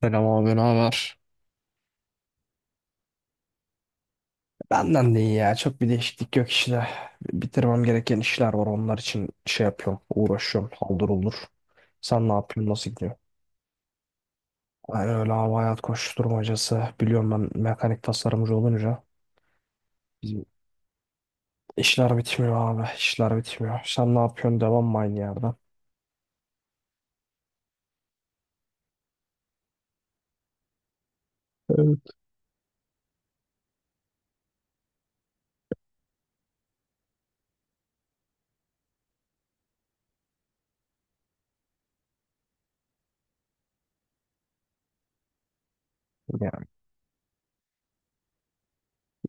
Selam abi, ne haber? Benden de iyi ya. Çok bir değişiklik yok işte. Bitirmem gereken işler var. Onlar için şey yapıyorum. Uğraşıyorum. Haldır olur. Sen ne yapıyorsun? Nasıl gidiyor? Yani öyle abi hayat koşuşturmacası. Biliyorum ben mekanik tasarımcı olunca. Bizim işler bitmiyor abi. İşler bitmiyor. Sen ne yapıyorsun? Devam mı aynı yerden? Evet. Yani,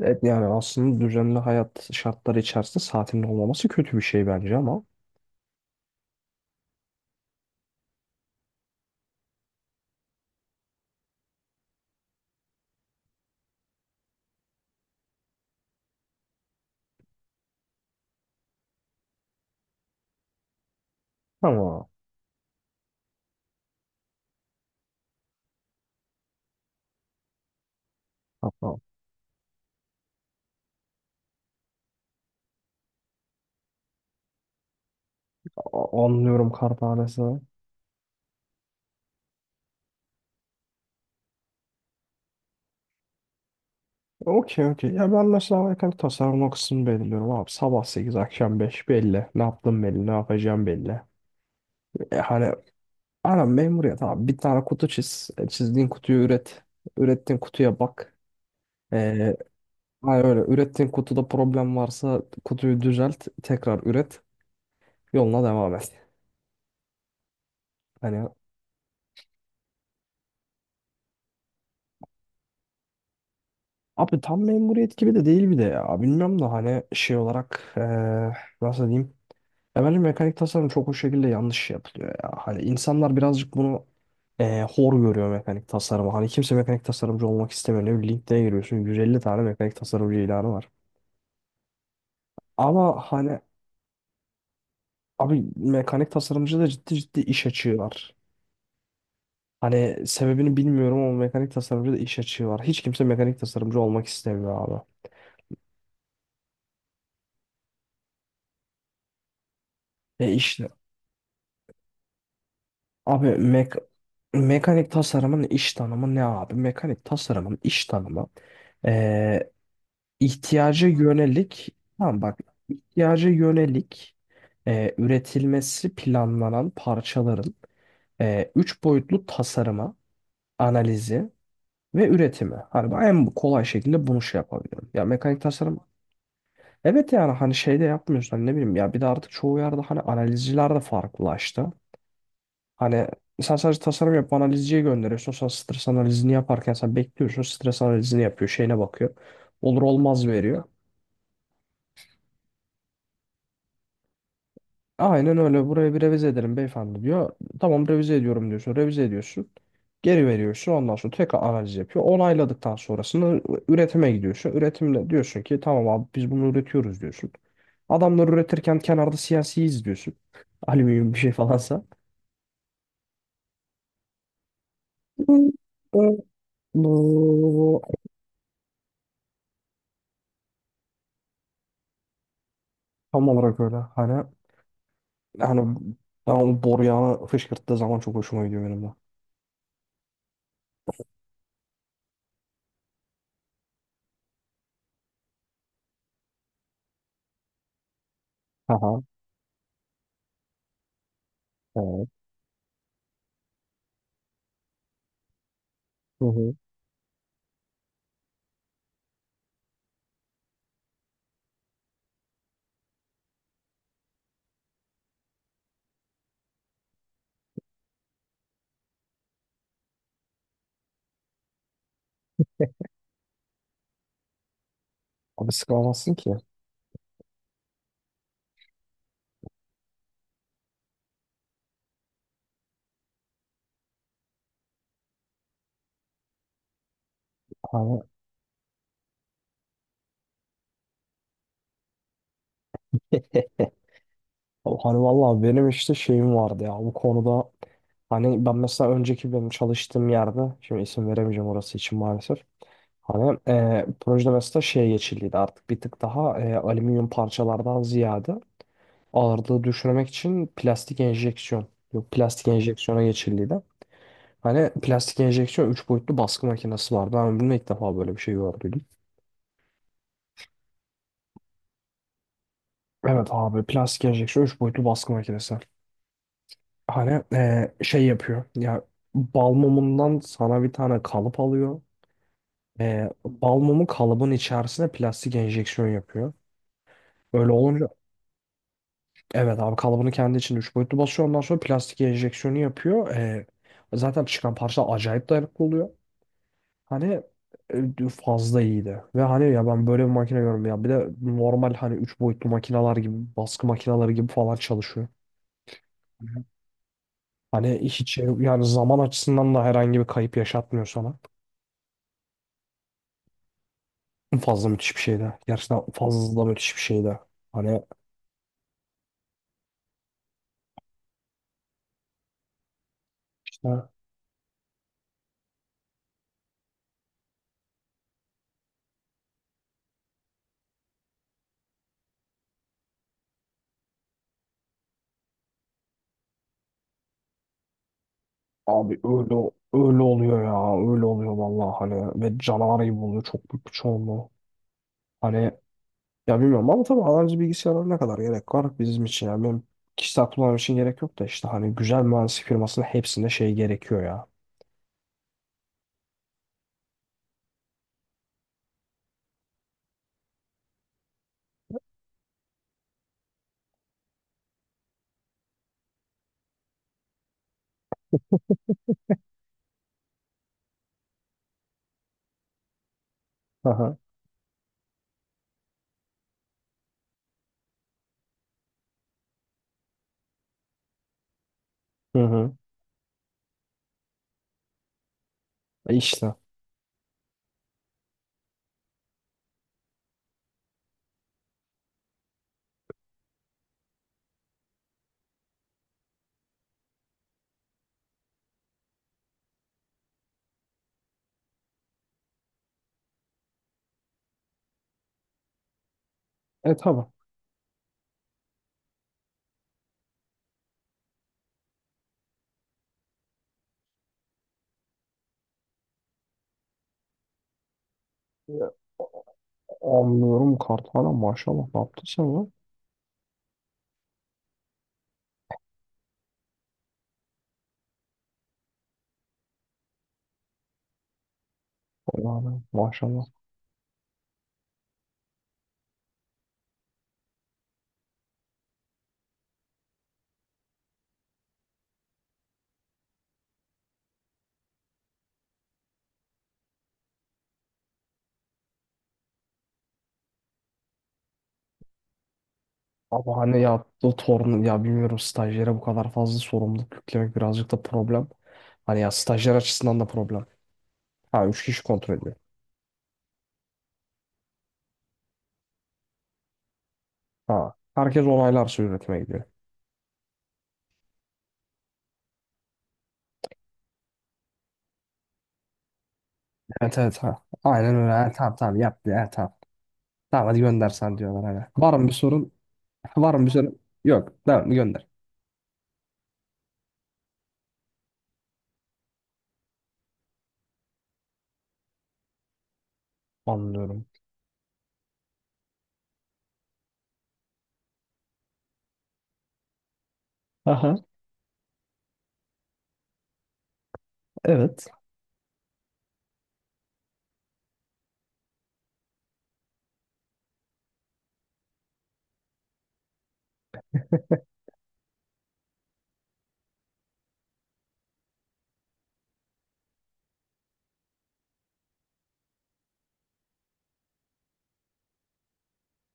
yani aslında düzenli hayat şartları içerisinde saatinin olmaması kötü bir şey bence ama. Tamam. Anlıyorum kartanesi. Okey, okey. Ya ben mesela alakalı tasarım o kısmını belirliyorum abi. Sabah 8 akşam 5 belli. Ne yaptım belli. Ne yapacağım belli. E, hani aynen memuriyet abi. Bir tane kutu çiz. Çizdiğin kutuyu üret. Ürettiğin kutuya bak. E, Hani öyle ürettiğin kutuda problem varsa kutuyu düzelt. Tekrar üret. Yoluna devam et. Hani abi tam memuriyet gibi de değil bir de ya. Bilmiyorum da hani şey olarak nasıl diyeyim. Ya bence mekanik tasarım çok o şekilde yanlış yapılıyor ya. Hani insanlar birazcık bunu hor görüyor mekanik tasarımı. Hani kimse mekanik tasarımcı olmak istemiyor. Ne bileyim LinkedIn'e giriyorsun 150 tane mekanik tasarımcı ilanı var. Ama hani abi mekanik tasarımcı da ciddi ciddi iş açığı var. Hani sebebini bilmiyorum ama mekanik tasarımcı da iş açığı var. Hiç kimse mekanik tasarımcı olmak istemiyor abi. E işte abi mekanik tasarımın iş tanımı ne abi? Mekanik tasarımın iş tanımı e, ihtiyaca yönelik, tamam bak, ihtiyaca yönelik üretilmesi planlanan parçaların üç boyutlu tasarıma, analizi ve üretimi. Hani ben en kolay şekilde bunu şey yapabiliyorum. Ya mekanik tasarım evet, yani hani şeyde yapmıyorsun, hani ne bileyim ya, bir de artık çoğu yerde hani analizciler de farklılaştı. Hani sen sadece tasarım yapıp analizciye gönderiyorsun. Sonra stres analizini yaparken sen bekliyorsun. Stres analizini yapıyor. Şeyine bakıyor. Olur olmaz veriyor. Aynen öyle. Buraya bir revize edelim beyefendi diyor. Tamam revize ediyorum diyorsun. Revize ediyorsun. Geri veriyorsun. Ondan sonra tekrar analiz yapıyor. Onayladıktan sonrasında üretime gidiyorsun. Üretimle diyorsun ki tamam abi biz bunu üretiyoruz diyorsun. Adamlar üretirken kenarda CNC izliyorsun. Alüminyum bir şey falansa. Tam olarak öyle. Hani yani ben o boruyanı fışkırttığı zaman çok hoşuma gidiyor benim de. Aha, evet. Hı hı. Abi sıkamazsın ki. Hani Hani vallahi benim işte şeyim vardı ya bu konuda, hani ben mesela önceki benim çalıştığım yerde, şimdi isim veremeyeceğim orası için maalesef. Hani projede mesela şeye geçildiydi artık bir tık daha alüminyum parçalardan ziyade ağırlığı düşürmek için plastik enjeksiyon, yok plastik enjeksiyona geçildiydi. Hani plastik enjeksiyon 3 boyutlu baskı makinesi vardı. Ben bunu ilk defa böyle bir şey gördüm. Evet abi, plastik enjeksiyon 3 boyutlu baskı makinesi. Hani şey yapıyor. Ya bal mumundan sana bir tane kalıp alıyor. Bal mumu kalıbın içerisine plastik enjeksiyon yapıyor. Öyle olunca evet abi, kalıbını kendi içinde 3 boyutlu basıyor. Ondan sonra plastik enjeksiyonu yapıyor. Zaten çıkan parça acayip dayanıklı oluyor. Hani fazla iyiydi. Ve hani ya, ben böyle bir makine görmedim ya. Bir de normal hani 3 boyutlu makineler gibi, baskı makineleri gibi falan çalışıyor. Hani hiç yani zaman açısından da herhangi bir kayıp yaşatmıyor sana. Fazla müthiş bir şeydi. Gerçekten fazla müthiş bir şeydi. Hani işte abi öyle oluyor ya. Öyle oluyor vallahi, hani ve canavar gibi oluyor çok büyük bir çoğunluğu. Hani ya bilmiyorum ama tabii analojik bilgisayarlara ne kadar gerek var bizim için, yani benim kişisel kullanım için gerek yok da, işte hani güzel mühendislik firmasının hepsinde şey gerekiyor ya. Hı hı. Hı hı. E işte. E tabii. E, Anlıyorum Karthala, maşallah ne yaptın sen lan? Yani maşallah. Ama hani yaptığı torun ya, bilmiyorum, stajyere bu kadar fazla sorumluluk yüklemek birazcık da problem. Hani ya stajyer açısından da problem. Ha, 3 kişi kontrol ediyor. Ha, herkes onaylarsa üretime gidiyor. Evet evet, ha. Aynen öyle. Ha, tamam tamam yap diyor. Ha, tamam. Tamam hadi gönder sen diyorlar hani. Var mı bir sorun? Var mı bir sorun? Yok. Tamam gönder. Anlıyorum. Aha, evet.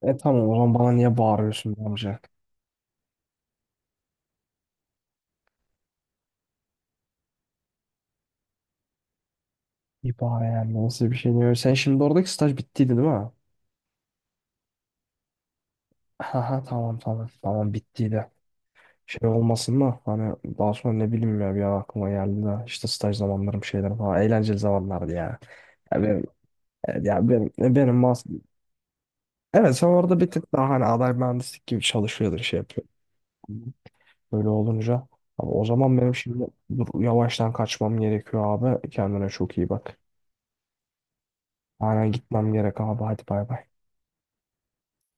E tamam, o zaman bana niye bağırıyorsun be amca? Bir bağır yani, nasıl bir şey diyor. Sen şimdi oradaki staj bittiydi değil mi? Aha, tamam tamam. Tamam bittiydi. Şey olmasın da, hani daha sonra ne bileyim ya, bir an aklıma geldi de işte staj zamanlarım, şeyler falan, eğlenceli zamanlardı ya. Ya benim, evet ya benim evet sen orada bir tık daha hani aday mühendislik gibi çalışıyordun şey yapıyor. Böyle olunca abi, o zaman benim şimdi, dur, yavaştan kaçmam gerekiyor abi. Kendine çok iyi bak. Aynen gitmem gerek abi, hadi bay bay.